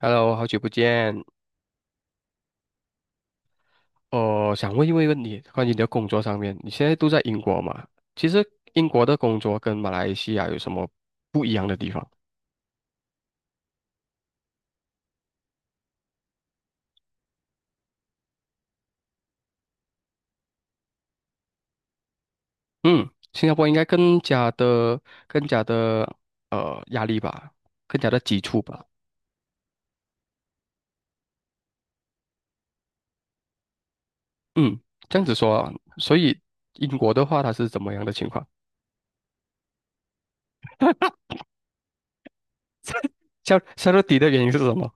Hello，好久不见。我想问一问你，关于你的工作上面，你现在都在英国嘛？其实英国的工作跟马来西亚有什么不一样的地方？嗯，新加坡应该更加的压力吧，更加的急促吧。嗯，这样子说啊。所以英国的话，它是怎么样的情况？夏到底的原因是什么？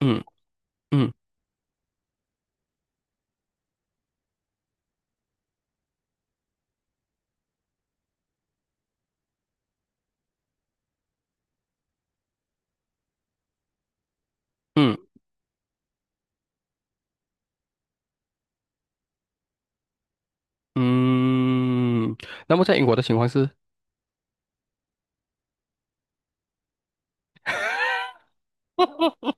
嗯嗯嗯嗯。那么在英国的情况是，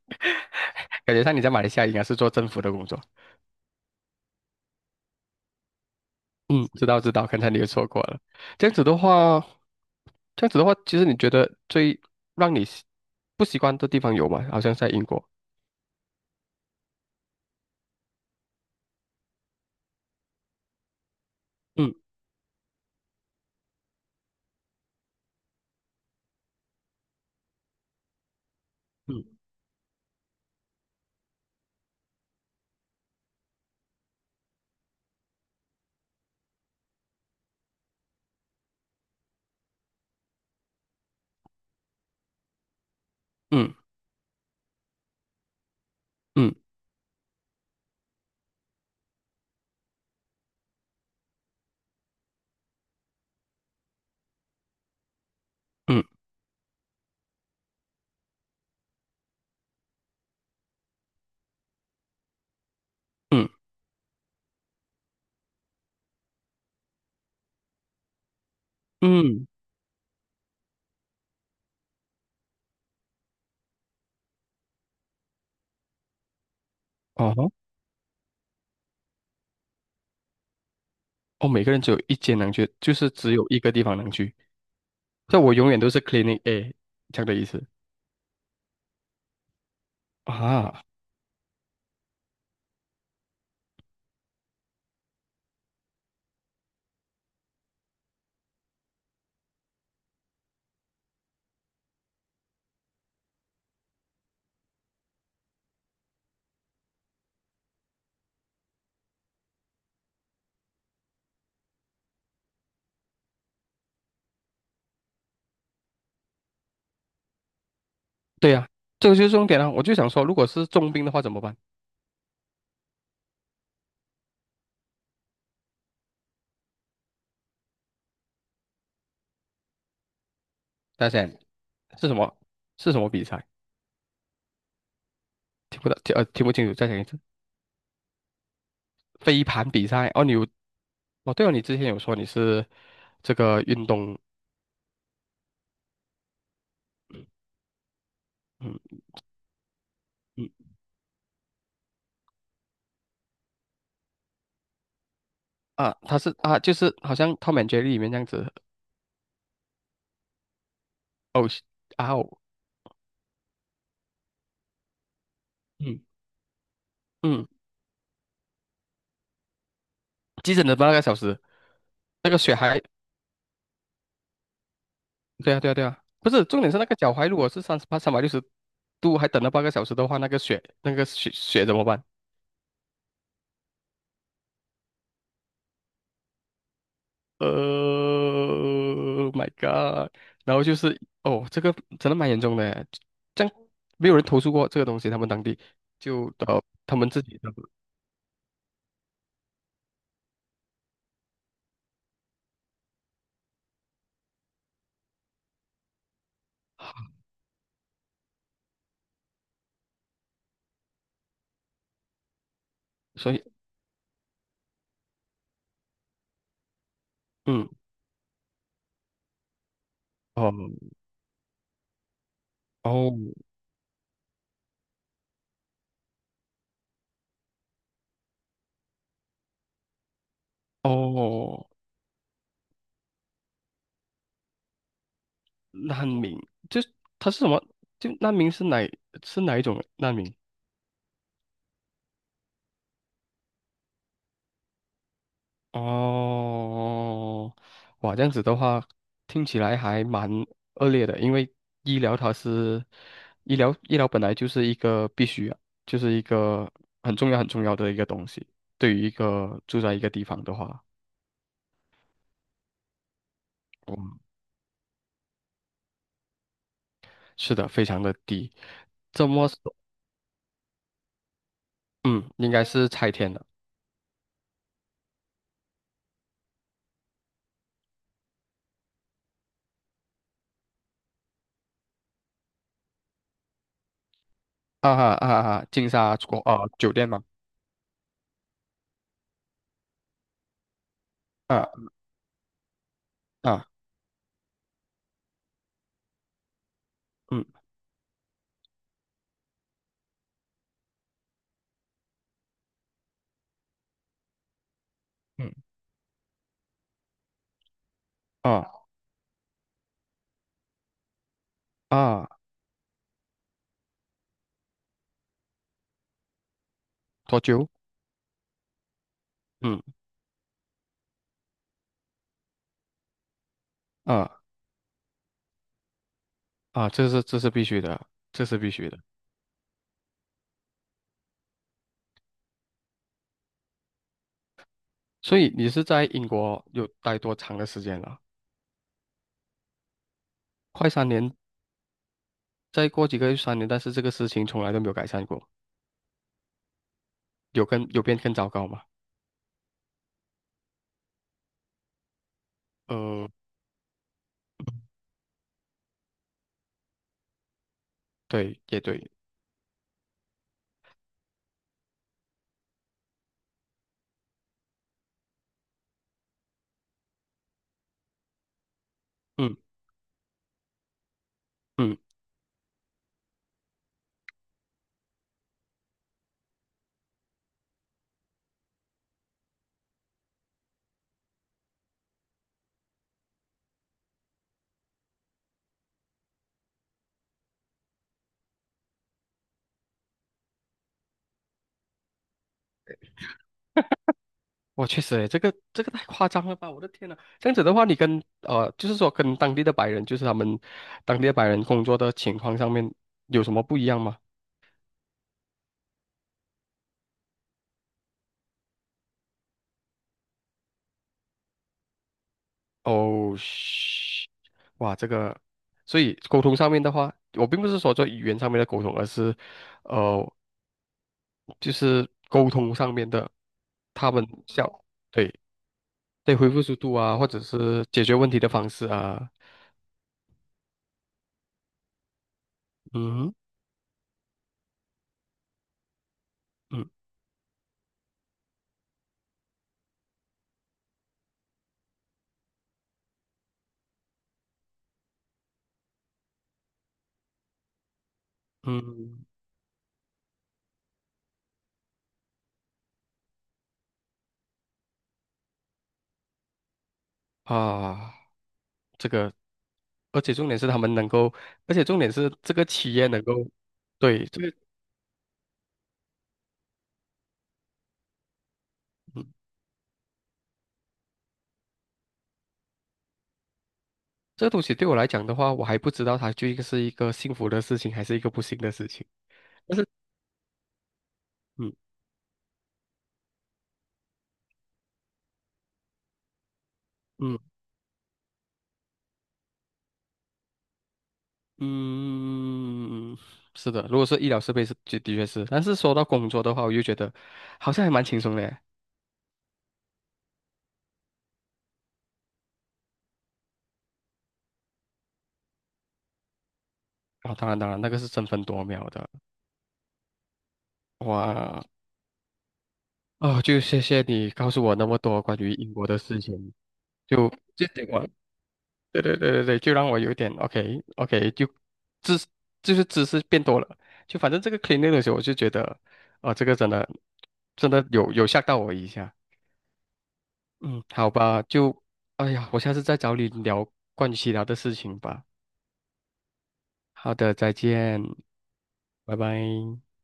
感觉上你在马来西亚应该是做政府的工作。嗯，知道知道，刚才你也说过了。这样子的话，这样子的话，其实你觉得最让你习不习惯的地方有吗？好像在英国。嗯嗯嗯嗯嗯嗯嗯，哦吼。哦，每个人只有一间能去，就是只有一个地方能去。这我永远都是 c l e a n i n g A 这样的意思啊。对呀、这个就是重点啊。我就想说，如果是重病的话怎么办？大家是什么。是什么比赛？听不到，听不清楚，再讲一次。飞盘比赛哦，你有。哦，对哦，你之前有说你是这个运动，嗯嗯。啊，他是啊，就是好像《Tom and Jerry》里面这样子，哦是啊哦，嗯嗯，急诊的八个小时，那个血还，对啊对啊对啊，不是，重点是那个脚踝如果是三百六十度还等了八个小时的话，那个血怎么办？My God，然后就是哦，这个真的蛮严重的这样。没有人投诉过这个东西，他们当地就他们自己的，所以。嗯。哦哦哦，难民，就是他是什么？就难民是是哪一种难民？哦，哇，这样子的话，听起来还蛮恶劣的，因为医疗它是医疗本来就是一个必须啊，就是一个很重要很重要的一个东西。对于一个住在一个地方的话，嗯，是的，非常的低。这么说，嗯，应该是拆迁的。啊哈啊哈，金沙国啊酒店嘛，啊啊嗯嗯啊啊多久？嗯啊啊，这是这是必须的，这是必须的。所以你是在英国有待多长的时间了？快三年，再过几个月三年，但是这个事情从来都没有改善过，有跟有变更糟糕吗？呃，对，也对，嗯嗯。我确实诶，这个太夸张了吧！我的天呐，这样子的话，你跟就是说跟当地的白人，就是他们当地的白人工作的情况上面有什么不一样吗？哦，嘘。哇，这个，所以沟通上面的话，我并不是说做语言上面的沟通，而是呃，就是沟通上面的，他们像对。对回复速度啊，或者是解决问题的方式啊，嗯嗯嗯啊。这个，而且重点是他们能够，而且重点是这个企业能够，对，这个，嗯，这个东西对我来讲的话，我还不知道它究竟是一个幸福的事情还是一个不幸的事情。但是，嗯嗯嗯，是的，如果是医疗设备是，就的确是。但是说到工作的话，我又觉得好像还蛮轻松的耶。啊、当然当然，那个是争分夺秒的。哇，哦，就谢谢你告诉我那么多关于英国的事情。就这点，对对对对对，就让我有点 OK OK，知就是知识变多了，就反正这个 cleaning 的时候，我就觉得，哦、这个真的真的有吓到我一下。嗯，好吧，就哎呀，我下次再找你聊关于其他的事情吧。好的，再见，拜拜。